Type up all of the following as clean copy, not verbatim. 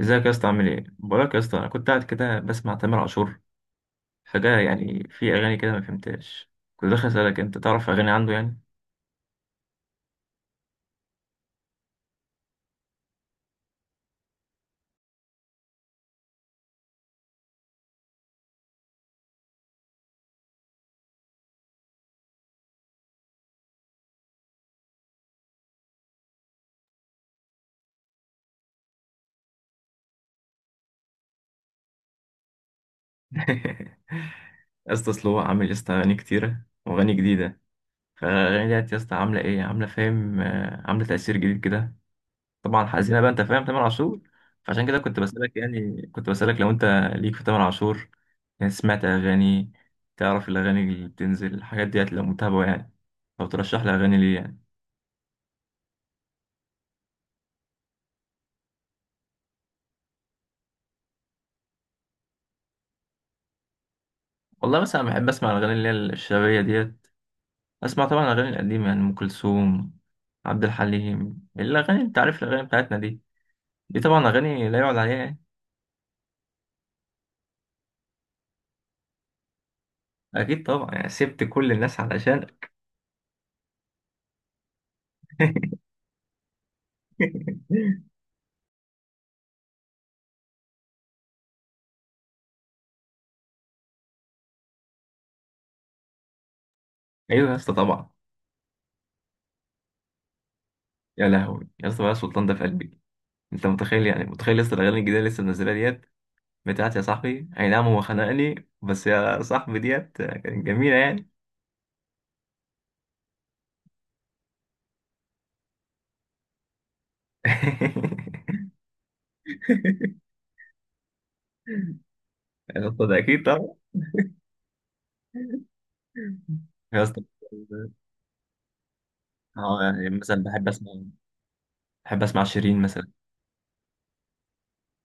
ازيك يا اسطى؟ عامل ايه؟ بقولك يا اسطى، انا كنت قاعد كده بسمع تامر عاشور، فجأة يعني في اغاني كده ما فهمتهاش. كنت داخل اسالك، انت تعرف اغاني عنده يعني؟ يا اسطى اصل هو عامل يا اسطى اغاني كتيره واغاني جديده، فالاغاني ديت يا اسطى عامله ايه؟ عامله فاهم عامله تاثير جديد كده. طبعا حزينه بقى، انت فاهم تامر عاشور. فعشان كده كنت بسالك، يعني كنت بسالك لو انت ليك في تامر عاشور، يعني سمعت اغاني، تعرف الاغاني اللي بتنزل الحاجات ديت، لو متابعه يعني، لو ترشح لي اغاني ليه يعني. والله مثلا بحب اسمع الاغاني اللي هي الشبابيه ديت، اسمع طبعا الاغاني القديمه يعني ام كلثوم، عبد الحليم، الاغاني انت عارف الاغاني بتاعتنا دي، دي طبعا اغاني لا يعلى عليها يعني. اكيد طبعا يعني سبت كل الناس علشان. ايوه يا اسطى طبعا. يا لهوي يا اسطى، بقى سلطان ده في قلبي. انت متخيل؟ يعني متخيل لسه الاغاني الجديده اللي لسه منزلها ديت، بتاعت يا صاحبي، اي نعم هو خنقني بس يا صاحبي ديت كانت جميله يعني. يا اسطى ده اكيد طبعا. يا اسطى اه، يعني مثلا بحب اسمع، بحب اسمع شيرين مثلا.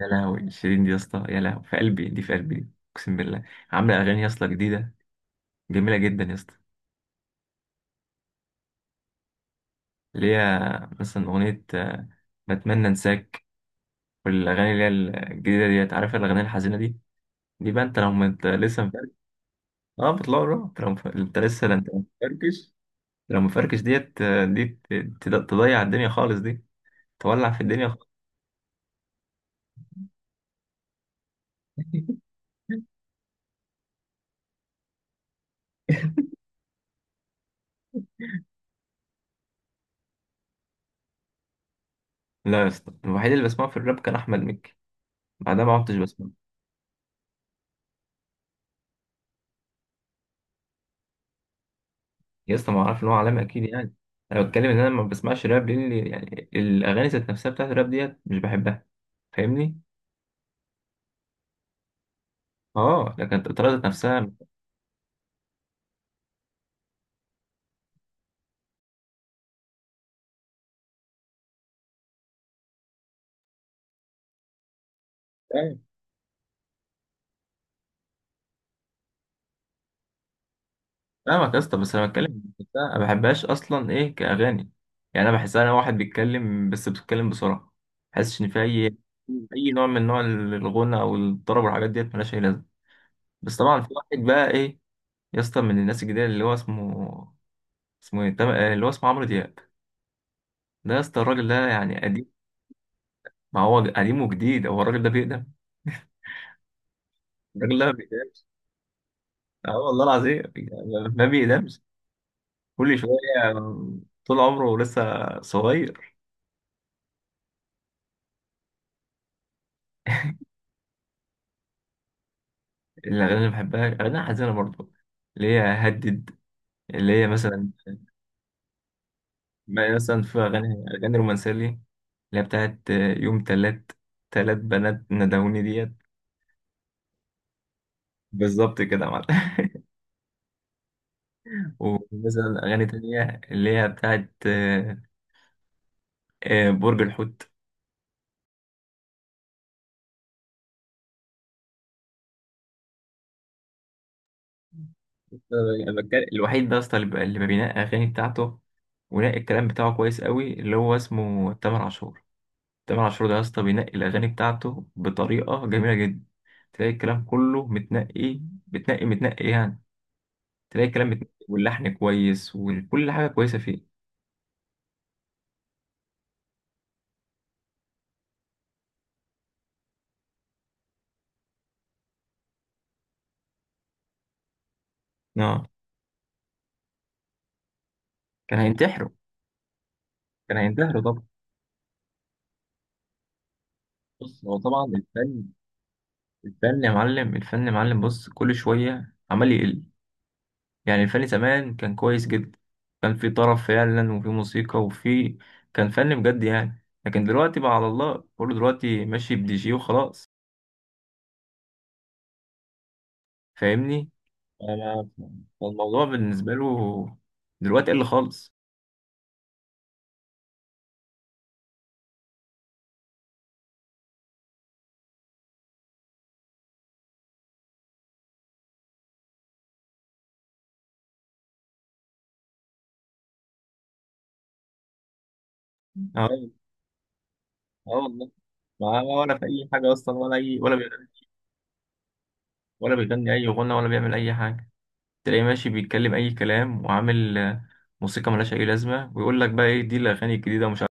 يا لهوي شيرين دي يا اسطى، يا لهوي في قلبي دي، في قلبي دي. اقسم بالله، عامله اغاني يا اسطى جديده، جميله جدا يا اسطى. اللي هي مثلا اغنيه بتمنى انساك، والاغاني اللي هي الجديده ديت، عارف الاغاني الحزينه دي، دي بقى انت لو ما انت لسه مفركش. اه بتطلع روح، انت لو انت لسه، لا انت مفركش، لو مفركش ديت تضيع الدنيا خالص دي، تولع في الدنيا خالص. لا يا اسطى، الوحيد اللي بسمعه في الراب كان احمد مكي، بعدها ما عدتش بسمع. يا اسطى ما اعرف ان هو عالمي، اكيد يعني. انا بتكلم ان انا ما بسمعش راب لان يعني الاغاني ذات نفسها بتاعت الراب ديت مش بحبها، فاهمني. اه لكن الطريقه ذات نفسها. أيوة. فاهمك يا اسطى، بس انا بتكلم إن نفسها ما بحبهاش اصلا ايه كاغاني. يعني انا بحسها انا واحد بيتكلم، بس بيتكلم بسرعه، ما بحسش ان في اي، اي نوع من نوع الغنى او الطرب والحاجات ديت ملهاش اي لازمه. بس طبعا في واحد بقى ايه، يا اسطى من الناس الجديده اللي هو اسمه، اسمه ايه، اللي هو اسمه عمرو دياب. ده يا اسطى الراجل ده يعني قديم، ما هو قديم وجديد، هو الراجل ده بيقدم، الراجل ده ما بيقدمش. اه والله العظيم يعني ما بيقدمش، كل شويه طول عمره لسه صغير. الاغاني اللي بحبها اغاني حزينه برضه، اللي هي هدد، اللي هي مثلا، مثلا في اغاني، اغاني رومانسيه ليه اللي هي بتاعت يوم تلات، تلات بنات ندهوني ديت. بالظبط كده يا معلم. ومثلا اغاني تانية اللي هي بتاعت برج الحوت. الوحيد ده اصلا اللي ما بينقي اغاني بتاعته، ونقي الكلام بتاعه كويس قوي، اللي هو اسمه تامر عاشور. تامر عاشور ده يا اسطى بينقي الاغاني بتاعته بطريقه جميله جدا، تلاقي الكلام كله متنقي، متنقي يعني، تلاقي الكلام متنقي واللحن كويس وكل حاجه كويسه فيه. اه كان هينتحره، كان هينتحره طبعا. بص هو طبعا الفن، الفن يا معلم، الفن يا معلم بص كل شويه عمال يقل. يعني الفن زمان كان كويس جدا، كان في طرب فعلا وفي موسيقى وفي، كان فن بجد يعني، لكن دلوقتي بقى على الله، كله دلوقتي ماشي بدي جي وخلاص، فاهمني. أنا- فالموضوع بالنسبة له دلوقتي قل خالص. اه اه والله، ما ولا في أي حاجة أصلا، ولا أي ولا بي... ولا بيغني أي غنى ولا بيعمل أي حاجة، تلاقيه ماشي بيتكلم أي كلام وعامل موسيقى ملهاش أي لازمة، ويقول لك بقى إيه دي الأغاني الجديدة ومش عارف.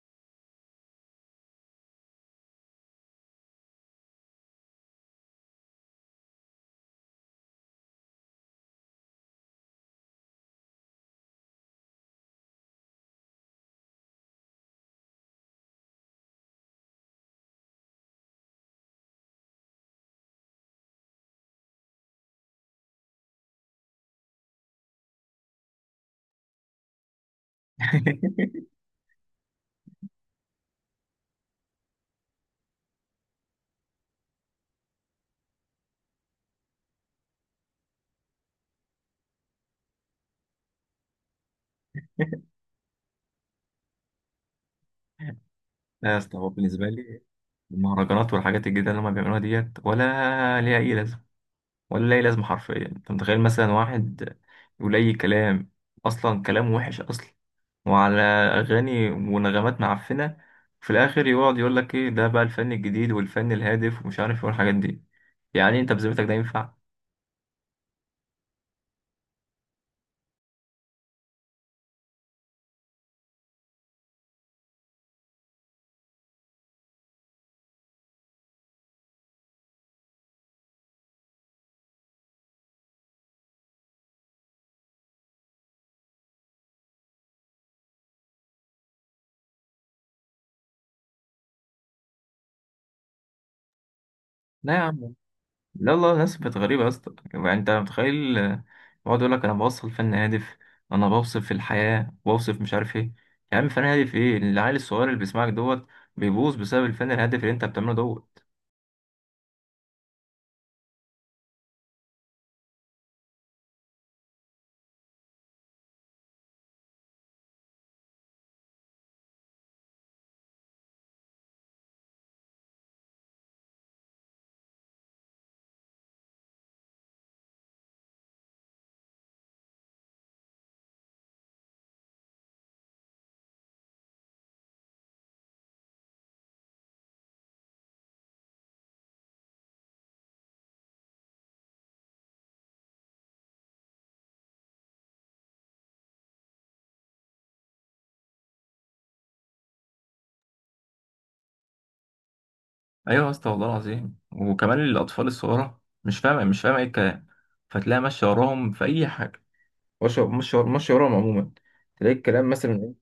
لا يا اسطى، هو بالنسبة لي المهرجانات والحاجات الجديدة اللي هما بيعملوها ديت ولا ليها أي لازمة، ولا ليها أي لازمة حرفيا. أنت متخيل مثلا واحد يقول أي كلام، أصلا كلام وحش أصلا، وعلى أغاني ونغمات معفنة، في الآخر يقعد يقول لك إيه ده بقى الفن الجديد والفن الهادف ومش عارف إيه والحاجات دي. يعني أنت بذمتك ده ينفع؟ لا يا عم، لا والله الناس بقت غريبة يا اسطى. يعني انت متخيل بقعد يقول لك انا بوصل فن هادف، انا بوصف في الحياة بوصف مش عارف ايه. يا عم فن هادف ايه؟ العيل الصغير اللي بيسمعك دوت بيبوظ بسبب الفن الهادف اللي انت بتعمله دوت. ايوه يا اسطى والله العظيم، وكمان الاطفال الصغيرة مش فاهمة، مش فاهمة ايه الكلام، فتلاقي ماشية وراهم في اي حاجة. مش مش ماشية وراهم عموما، تلاقي الكلام مثلا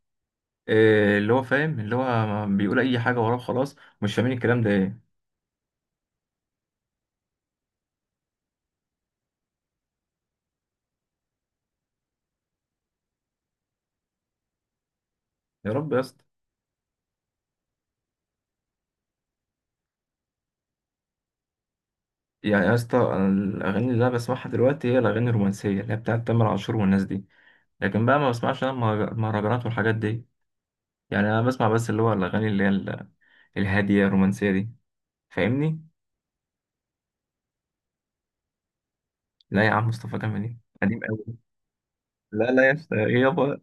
إيه، اللي هو فاهم، اللي هو بيقول اي حاجة وراه خلاص، مش فاهمين الكلام ده ايه. يا رب يا اسطى. يعني يا اسطى أنا الاغاني اللي انا بسمعها دلوقتي هي الاغاني الرومانسيه اللي هي بتاعت تامر عاشور والناس دي، لكن بقى ما بسمعش انا المهرجانات والحاجات دي. يعني انا بسمع بس اللي هو الاغاني اللي هي الهاديه الرومانسيه دي، فاهمني. لا يا عم مصطفى كامل ايه، قديم قوي. لا لا يا اسطى إيه يابا،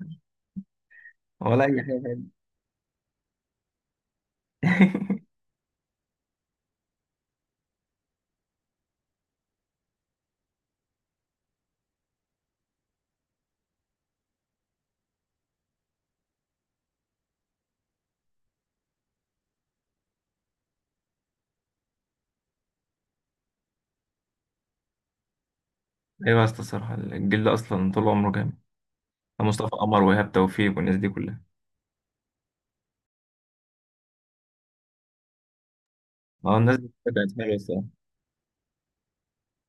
ولا اي حاجه. ايوه يا اسطى الصراحه الجيل ده اصلا طول عمره جامد، مصطفى قمر وايهاب توفيق والناس دي كلها. اه الناس دي كانت حلوه الصراحه،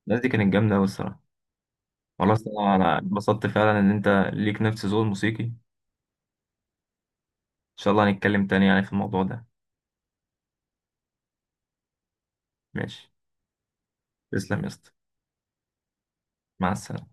الناس دي كانت جامده قوي الصراحه. والله الصراحه انا اتبسطت فعلا ان انت ليك نفس ذوق موسيقي. شاء الله هنتكلم تاني يعني في الموضوع ده. ماشي، تسلم يا اسطى، مع السلامة.